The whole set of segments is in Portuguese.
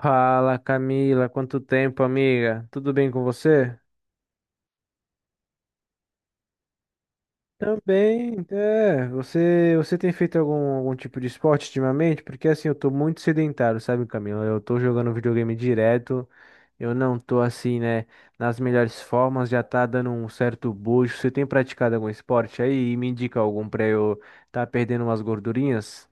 Fala, Camila, quanto tempo, amiga? Tudo bem com você? Também, é, você tem feito algum tipo de esporte ultimamente? Porque assim, eu tô muito sedentário, sabe, Camila? Eu tô jogando videogame direto, eu não tô assim, né, nas melhores formas, já tá dando um certo bucho. Você tem praticado algum esporte aí e me indica algum pra eu tá perdendo umas gordurinhas?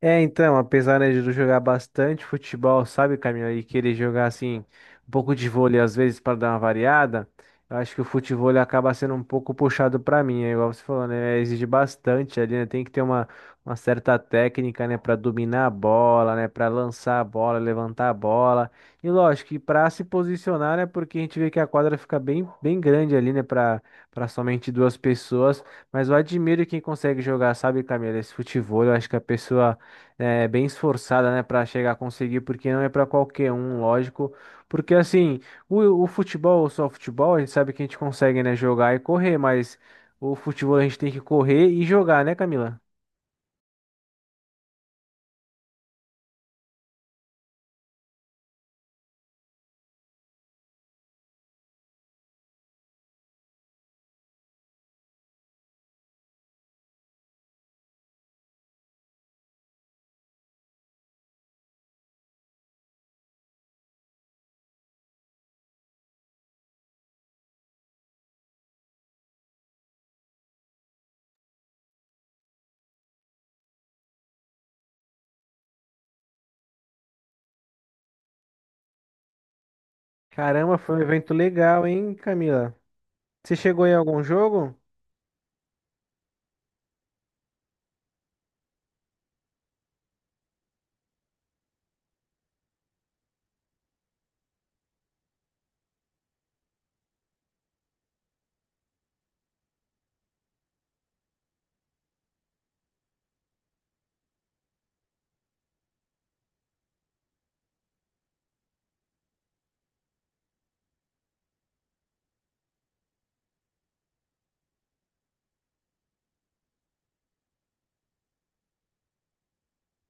É, então, apesar, né, de eu jogar bastante futebol, sabe, Camila, e querer jogar assim um pouco de vôlei às vezes para dar uma variada, eu acho que o futebol ele acaba sendo um pouco puxado para mim, é igual você falou, né, exige bastante ali, né, tem que ter uma certa técnica, né, para dominar a bola, né, para lançar a bola, levantar a bola. E lógico que para se posicionar, né, porque a gente vê que a quadra fica bem bem grande ali, né, para somente duas pessoas. Mas eu admiro quem consegue jogar, sabe, Camila, esse futebol. Eu acho que a pessoa é bem esforçada, né, para chegar a conseguir, porque não é para qualquer um, lógico. Porque assim, o futebol, só o futebol, a gente sabe que a gente consegue, né, jogar e correr, mas o futebol a gente tem que correr e jogar, né, Camila? Caramba, foi um evento legal, hein, Camila? Você chegou em algum jogo?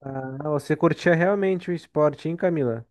Ah, você curtia realmente o esporte, hein, Camila?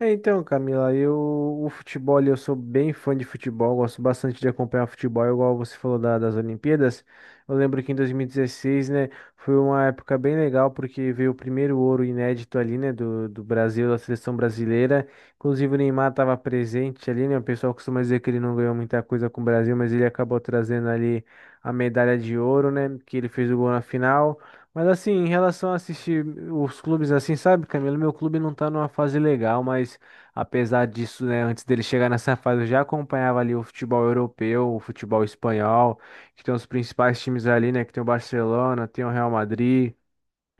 É, então, Camila, eu, o futebol, ali, eu sou bem fã de futebol, gosto bastante de acompanhar futebol, igual você falou das Olimpíadas. Eu lembro que em 2016, né, foi uma época bem legal, porque veio o primeiro ouro inédito ali, né, do Brasil, da seleção brasileira. Inclusive o Neymar estava presente ali, né, o pessoal costuma dizer que ele não ganhou muita coisa com o Brasil, mas ele acabou trazendo ali a medalha de ouro, né, que ele fez o gol na final. Mas assim, em relação a assistir os clubes assim, sabe, Camilo, meu clube não tá numa fase legal, mas apesar disso, né, antes dele chegar nessa fase, eu já acompanhava ali o futebol europeu, o futebol espanhol, que tem os principais times ali, né, que tem o Barcelona, tem o Real Madrid,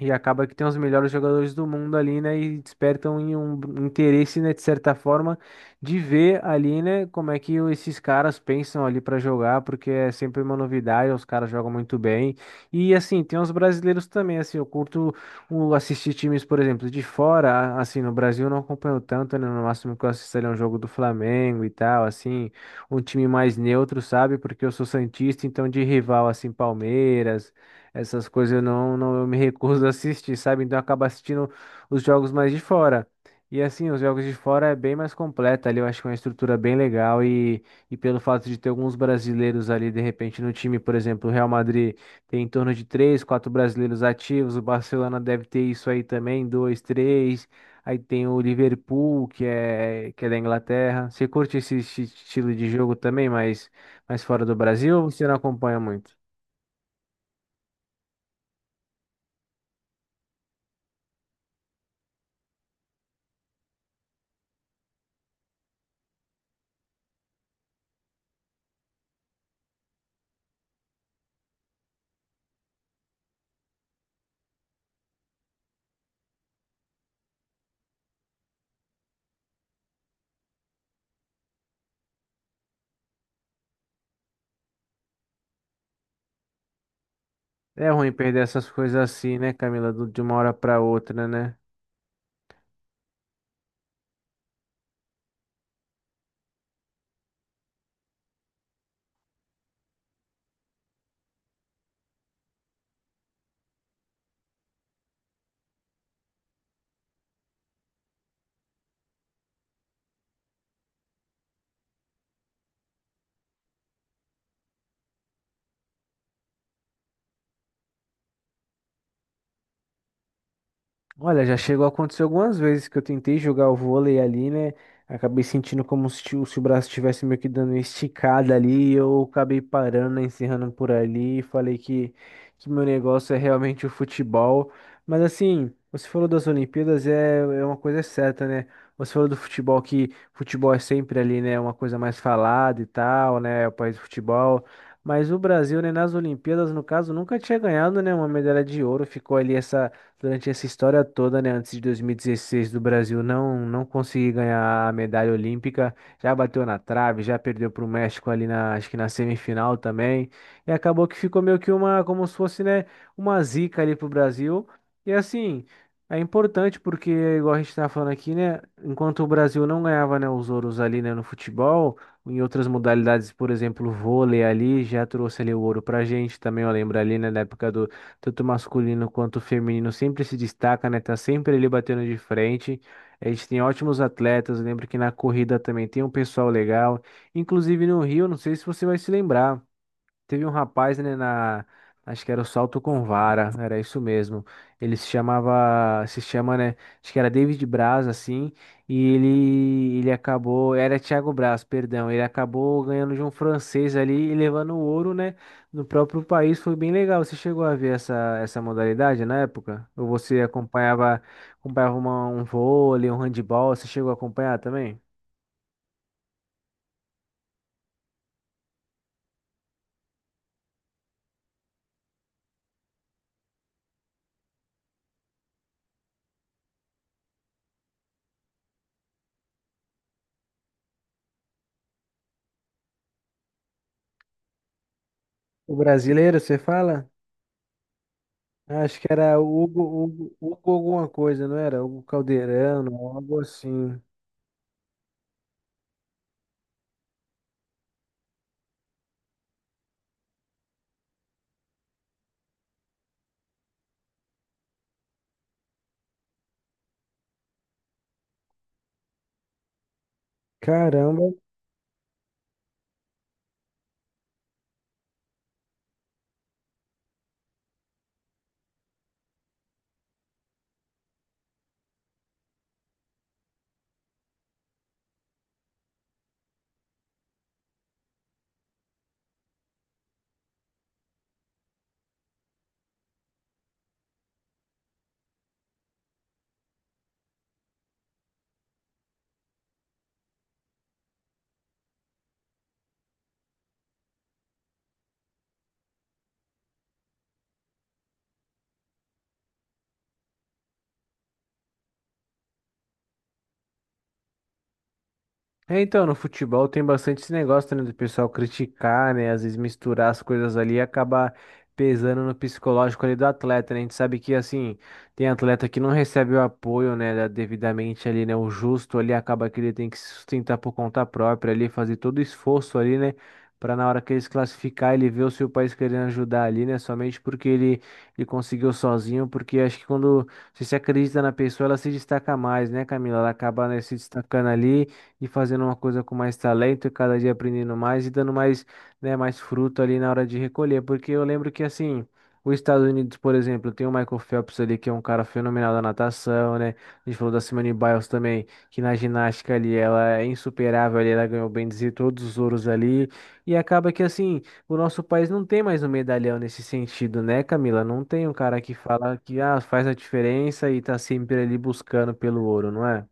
e acaba que tem os melhores jogadores do mundo ali, né? E despertam em um interesse, né, de certa forma, de ver ali, né, como é que esses caras pensam ali para jogar, porque é sempre uma novidade, os caras jogam muito bem. E assim, tem os brasileiros também, assim, eu curto o assistir times, por exemplo, de fora, assim, no Brasil eu não acompanho tanto, né? No máximo que eu assisto ali é um jogo do Flamengo e tal, assim, um time mais neutro, sabe? Porque eu sou santista, então de rival assim, Palmeiras, essas coisas eu não, eu me recuso a assistir, sabe? Então eu acabo assistindo os jogos mais de fora. E assim, os jogos de fora é bem mais completa ali, eu acho que é uma estrutura bem legal e pelo fato de ter alguns brasileiros ali de repente no time, por exemplo, o Real Madrid tem em torno de três, quatro brasileiros ativos, o Barcelona deve ter isso aí também, dois, três. Aí tem o Liverpool, que é da Inglaterra. Você curte esse estilo de jogo também, mas fora do Brasil ou você não acompanha muito? É ruim perder essas coisas assim, né, Camila, de uma hora pra outra, né? Olha, já chegou a acontecer algumas vezes que eu tentei jogar o vôlei ali, né? Acabei sentindo como se, o se o braço estivesse meio que dando uma esticada ali, e eu acabei parando, né, encerrando por ali, e falei que meu negócio é realmente o futebol. Mas assim, você falou das Olimpíadas, é, é uma coisa certa, né? Você falou do futebol, que futebol é sempre ali, né, uma coisa mais falada e tal, né, é o país do futebol. Mas o Brasil, né, nas Olimpíadas, no caso, nunca tinha ganhado, né, uma medalha de ouro, ficou ali essa durante essa história toda, né, antes de 2016 do Brasil não conseguir ganhar a medalha olímpica, já bateu na trave, já perdeu para o México ali na, acho que na semifinal também, e acabou que ficou meio que uma, como se fosse, né, uma zica ali pro Brasil. E assim, é importante porque, igual a gente tá falando aqui, né, enquanto o Brasil não ganhava, né, os ouros ali, né, no futebol, em outras modalidades, por exemplo, o vôlei ali já trouxe ali o ouro pra gente, também eu lembro ali, né, na época do tanto masculino quanto feminino, sempre se destaca, né? Tá sempre ali batendo de frente. A gente tem ótimos atletas. Lembro que na corrida também tem um pessoal legal. Inclusive no Rio, não sei se você vai se lembrar. Teve um rapaz, né, na, acho que era o salto com vara, era isso mesmo. Ele se chamava, se chama, né, acho que era David Braz, assim, e ele acabou, era Thiago Braz, perdão, ele acabou ganhando de um francês ali e levando o ouro, né, no próprio país, foi bem legal. Você chegou a ver essa, essa modalidade na época? Ou você acompanhava, acompanhava um vôlei, um handball, você chegou a acompanhar também? O brasileiro, você fala? Acho que era Hugo alguma coisa, não era? Hugo Calderano, algo assim. Caramba. É, então, no futebol tem bastante esse negócio, né, do pessoal criticar, né, às vezes misturar as coisas ali e acabar pesando no psicológico ali do atleta, né? A gente sabe que, assim, tem atleta que não recebe o apoio, né, devidamente ali, né, o justo ali, acaba que ele tem que se sustentar por conta própria ali, fazer todo o esforço ali, né, para na hora que ele se classificar, ele ver o seu país querendo ajudar ali, né, somente porque ele conseguiu sozinho, porque acho que quando você se acredita na pessoa, ela se destaca mais, né, Camila? Ela acaba, né, se destacando ali e fazendo uma coisa com mais talento e cada dia aprendendo mais e dando mais, né, mais fruto ali na hora de recolher. Porque eu lembro que assim. Os Estados Unidos, por exemplo, tem o Michael Phelps ali, que é um cara fenomenal da natação, né? A gente falou da Simone Biles também, que na ginástica ali ela é insuperável ali, ela ganhou, bem dizer, todos os ouros ali. E acaba que assim, o nosso país não tem mais um medalhão nesse sentido, né, Camila? Não tem um cara que fala que ah, faz a diferença e tá sempre ali buscando pelo ouro, não é?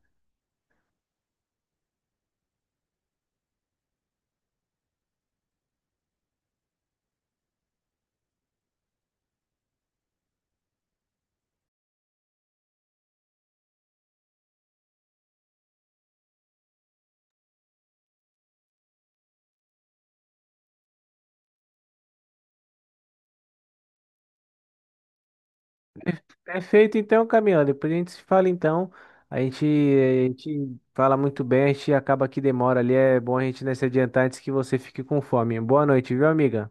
Perfeito, então, Camila. Depois a gente se fala, então. A gente fala muito bem, a gente acaba que demora ali. É bom a gente, né, se adiantar antes que você fique com fome. Boa noite, viu, amiga?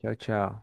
Tchau, tchau.